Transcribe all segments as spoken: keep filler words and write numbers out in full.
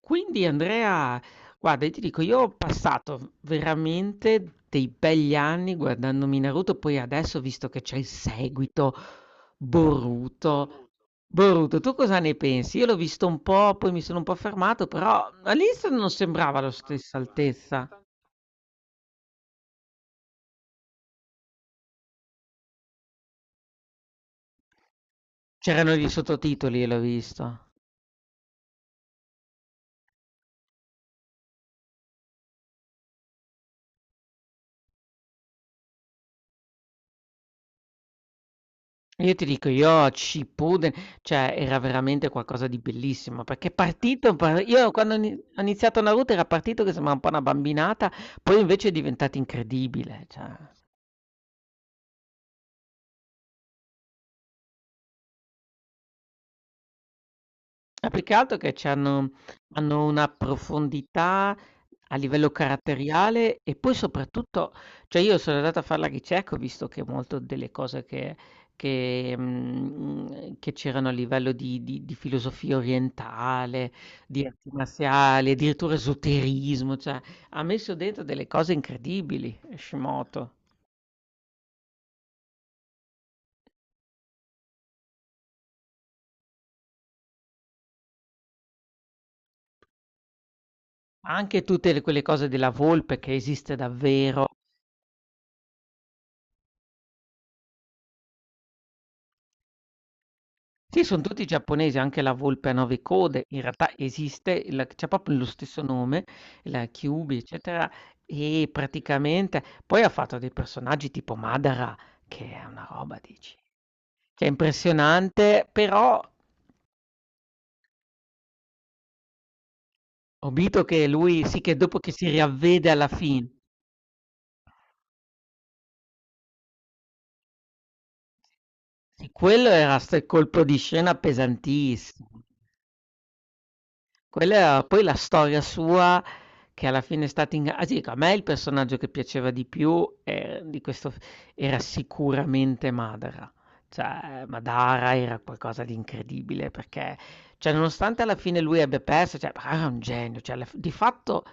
Quindi Andrea, guarda, io ti dico, io ho passato veramente dei begli anni guardandomi Naruto, poi adesso visto che c'è il seguito, Boruto. Boruto, tu cosa ne pensi? Io l'ho visto un po', poi mi sono un po' fermato, però all'inizio non sembrava la stessa altezza. C'erano gli sottotitoli e l'ho visto. Io ti dico, io a Shippuden, cioè era veramente qualcosa di bellissimo, perché è partito, par- io quando ho ini- ho iniziato Naruto era partito che sembrava un po' una bambinata, poi invece è diventato incredibile, cioè. Ma più che altro che c'hanno hanno una profondità a livello caratteriale e poi soprattutto, cioè, io sono andato a fare la ricerca, ho visto che molto delle cose che che, mhmm, che c'erano a livello di di di filosofia orientale, di arti marziali, addirittura esoterismo, cioè ha messo dentro delle cose incredibili Hashimoto. Anche tutte le quelle cose della volpe che esiste davvero. Sì, son tutti giapponesi, anche la volpe a nove code in realtà esiste, il c'ha proprio lo stesso nome, la Kyuubi, eccetera, e praticamente poi ha fatto dei personaggi tipo Madara, che è una roba dici cioè impressionante, però ho visto che lui sì, che dopo che si riavvede alla fin. Sì, quello era 'sto colpo di scena pesantissimo. Quella poi la storia sua che alla fine è stata inga, ah, ti dico, a me il personaggio che piaceva di più, ehm, di questo f era sicuramente Madara. Cioè, eh, Madara era qualcosa di incredibile perché, cioè, nonostante alla fine lui abbia perso, cioè, Madara era un genio, cioè, alla f di fatto,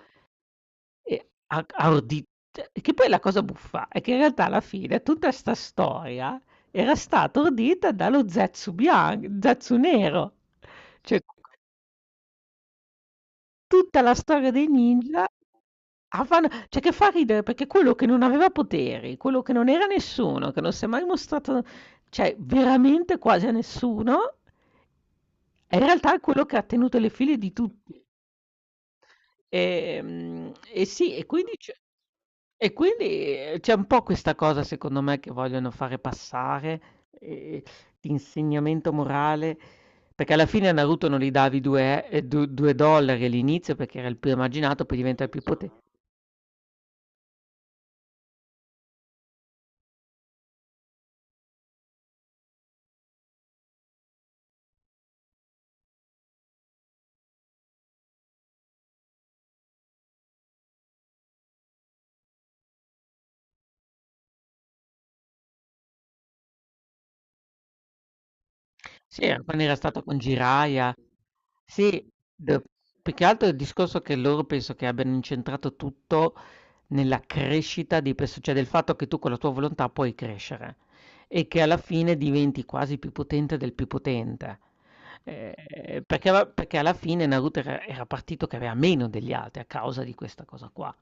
ehm, ha ha ordi, cioè, che poi la cosa buffa è che in realtà alla fine tutta 'sta storia era stata ordita dallo Zetsu bian Zetsu nero. Cioè, tutta la storia dei ninja a fan, cioè che fa ridere perché quello che non aveva poteri, quello che non era nessuno, che non si è mai mostrato, cioè veramente quasi a nessuno, e in realtà è quello che ha tenuto le file di tutti. Ehm, e sì, e quindi c'è e quindi, ehm, c'è un po' questa cosa secondo me che vogliono fare passare, ehm, di insegnamento morale, perché alla fine a Naruto non gli davi due e du due dollari all'inizio perché era il più emarginato, poi diventa il più pote. Sì, era quando era stato con Jiraiya. Sì, d più che altro il discorso che loro penso che abbiano incentrato tutto nella crescita di perso, cioè del fatto che tu con la tua volontà puoi crescere e che alla fine diventi quasi più potente del più potente. Eh, perché, alla perché alla fine Naruto era, era partito che aveva meno degli altri a causa di questa cosa qua.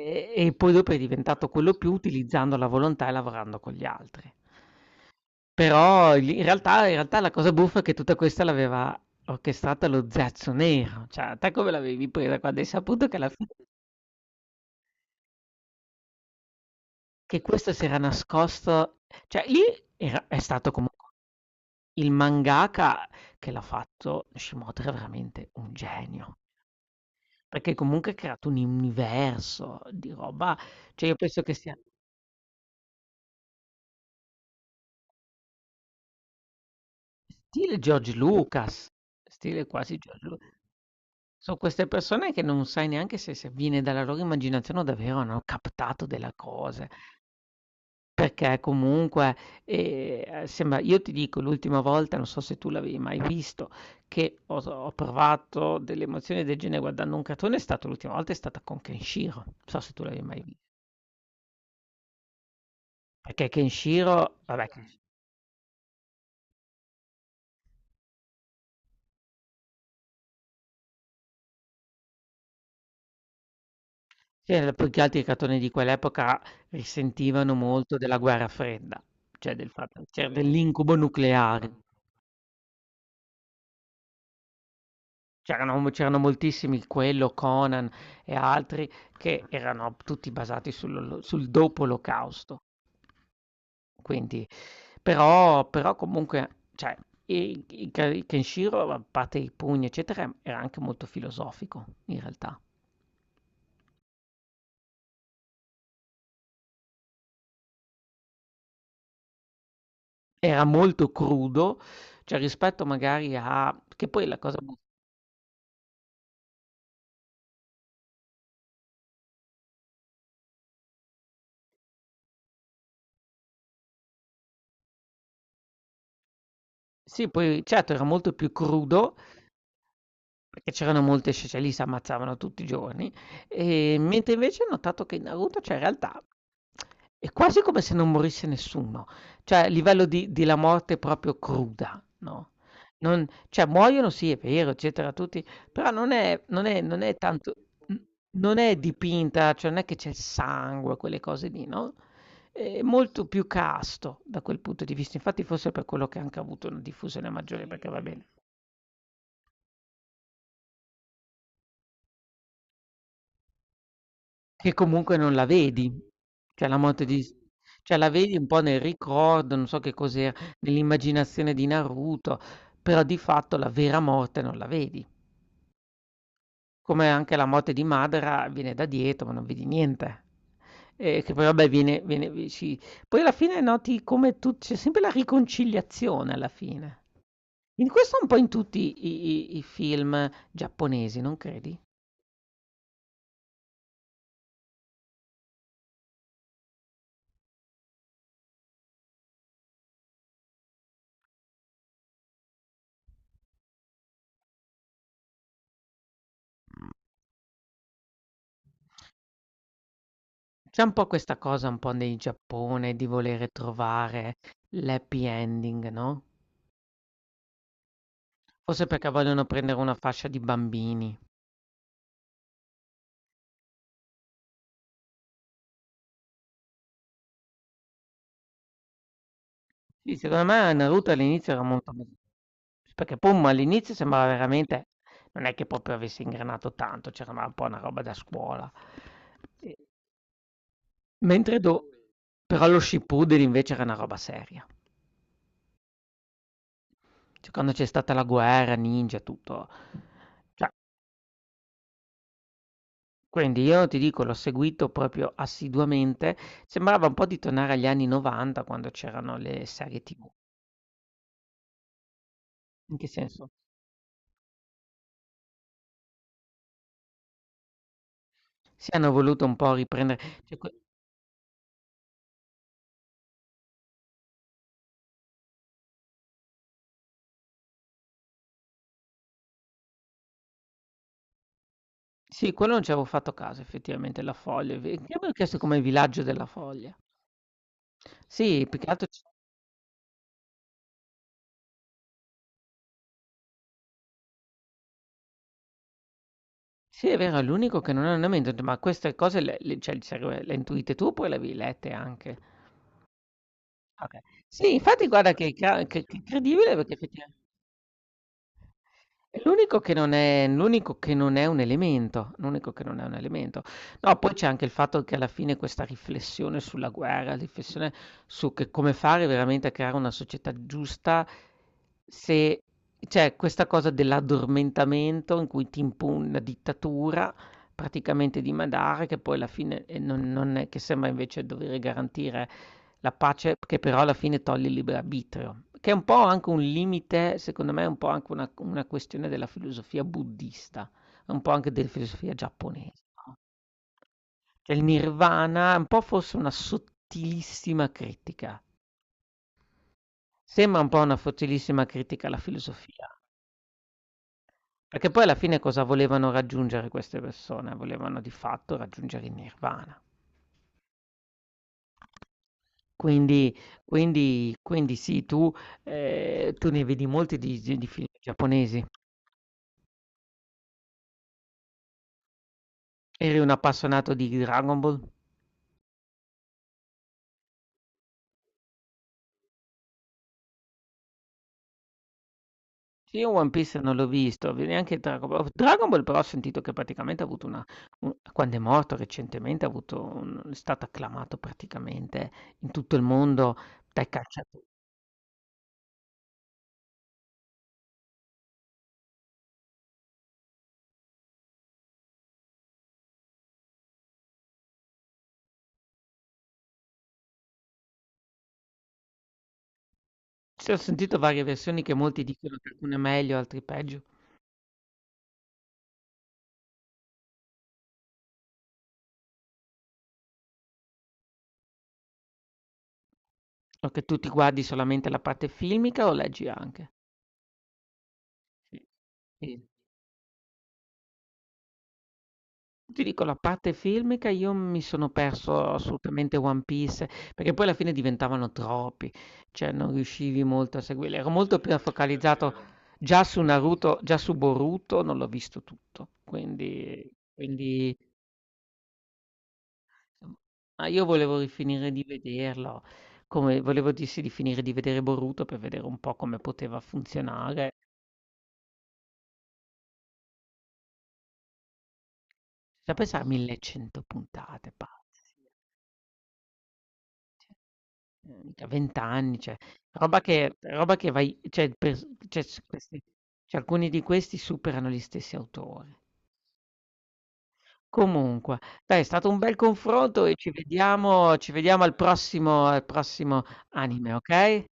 E, e poi dopo è diventato quello più utilizzando la volontà e lavorando con gli altri. Però lì in realtà in realtà la cosa buffa è che tutta questa l'aveva orchestrata lo Zaczo Nero, cioè a te come l'avevi presa quando hai saputo che alla fine che questo si era nascosto, cioè lì era- è stato comunque il mangaka che l'ha fatto, Shimoto era veramente un genio, perché comunque ha creato un universo di roba, cioè io penso che sia stile George Lucas, stile quasi George Lucas. Son queste persone che non sai neanche se se viene dalla loro immaginazione o davvero hanno captato della cosa, perché comunque, ehm, sembra, io ti dico l'ultima volta, non so se tu l'avevi mai visto, che ho s ho provato delle emozioni del genere guardando un cartone è stato l'ultima volta è stata con Kenshiro. Non so se tu l'avevi mai vi, perché Kenshiro vabbè Kenshi, sì, più che altro i cartoni di quell'epoca risentivano molto della guerra fredda, cioè del fatto c'era dell'incubo nucleare. C'erano mo c'erano moltissimi, quello, Conan e altri, che erano tutti basati sul sul dopo l'olocausto. Quindi però però comunque, cioè, i i Ke i Kenshiro, a parte i pugni eccetera, era anche molto filosofico in realtà. Era molto crudo, cioè rispetto magari a che poi la cosa, sì, poi certo era molto più crudo. Perché c'erano molte scese lì s'ammazzavano tutti i giorni, ehm, mentre invece ho notato che in Naruto, cioè in realtà è quasi come se non morisse nessuno, cioè a livello di di la morte proprio cruda, no, non, cioè muoiono sì è vero eccetera tutti, però non è non è non è tanto, n non è dipinta, cioè non è che c'è il sangue, quelle cose lì, no, è molto più casto da quel punto di vista, infatti forse è per quello che ha anche avuto una diffusione maggiore, perché va bene. Che comunque non la vedi. Cioè la morte di s cioè la vedi un po' nel ricordo, non so che cos'era, nell'immaginazione di Naruto, però di fatto la vera morte non la vedi. Come anche la morte di Madara viene da dietro, ma non vedi niente. Ehm, che poi vabbè viene viene vi ci, poi alla fine noti come tu c'è sempre la riconciliazione alla fine. In questo un po' in tutti i i i film giapponesi, non credi? C'è un po' questa cosa un po' nei Giappone di volere trovare l'happy ending, no, forse perché vogliono prendere una fascia di bambini. Sì, secondo me Naruto all'inizio era molto, perché Pum all'inizio sembrava veramente non è che proprio avesse ingranato tanto, c'era ma un po' una roba da scuola. E, mentre do però lo Shippuden invece era una roba seria. Cioè quando c'è stata la guerra, ninja, tutto. Cioè, quindi io ti dico, l'ho seguito proprio assiduamente, sembrava un po' di tornare agli anni 'novanta quando c'erano le serie T V. In che senso? Sì, hanno voluto un po' riprendere, cioè que sì, quello non ci avevo fatto caso effettivamente, La Foglia, è ve, io avevo chiesto come il villaggio della Foglia. Sì, più che altro c sì è vero, è l'unico che non ha un ambiente, ho detto: "Ma queste cose le le cioè il serve le hai intuite tu oppure le avevi lette anche?" Okay. Sì, infatti guarda che ca che che incredibile perché effettiva. L'unico che non è l'unico che non è un elemento, l'unico che non è un elemento. No, poi c'è anche il fatto che alla fine questa riflessione sulla guerra, riflessione su che come fare veramente a creare una società giusta, se c'è questa cosa dell'addormentamento in cui ti impone una dittatura praticamente dimandare, che poi alla fine eh, non, non è che sembra invece dover garantire la pace, che però alla fine toglie il libero arbitrio, che è un po' anche un limite, secondo me, è un po' anche una, una questione della filosofia buddista, un po' anche della filosofia giapponese. No? Cioè il nirvana è un po' forse una sottilissima critica. Sembra un po' una sottilissima critica alla filosofia. Perché poi alla fine cosa volevano raggiungere queste persone? Volevano di fatto raggiungere il nirvana. Quindi quindi quindi sì, tu ehm, tu ne vedi molti di gi di film giapponesi. Eri un appassionato di Dragon Ball? Sì, io One Piece non l'ho visto, ve neanche Dragon Ball. Dragon Ball però ho sentito che praticamente ha avuto una, un quando è morto recentemente ha avuto un è stato acclamato praticamente in tutto il mondo dai calciato, sì, ho sentito varie versioni che molti dicono che alcune è meglio, altri peggio. O che tu ti guardi solamente la parte filmica o leggi anche? Sì. Ti dico la parte filmica io mi sono perso assolutamente One Piece, perché poi alla fine diventavano troppi, cioè non riuscivi molto a seguirli. Ero molto più è focalizzato vero, già su Naruto, già su Boruto, non l'ho visto tutto, quindi, quindi ma io volevo rifinire di vederlo, come volevo dirsi di finire di vedere Boruto per vedere un po' come poteva funzionare. Da pensare a millecento puntate, pazzi. Mhmm, Mica venti anni, cioè roba che roba che vai cioè pers cioè s questi, cioè alcuni di questi superano gli stessi autori. Comunque, dai, è stato un bel confronto e ci vediamo ci vediamo al prossimo, al prossimo anime, okay?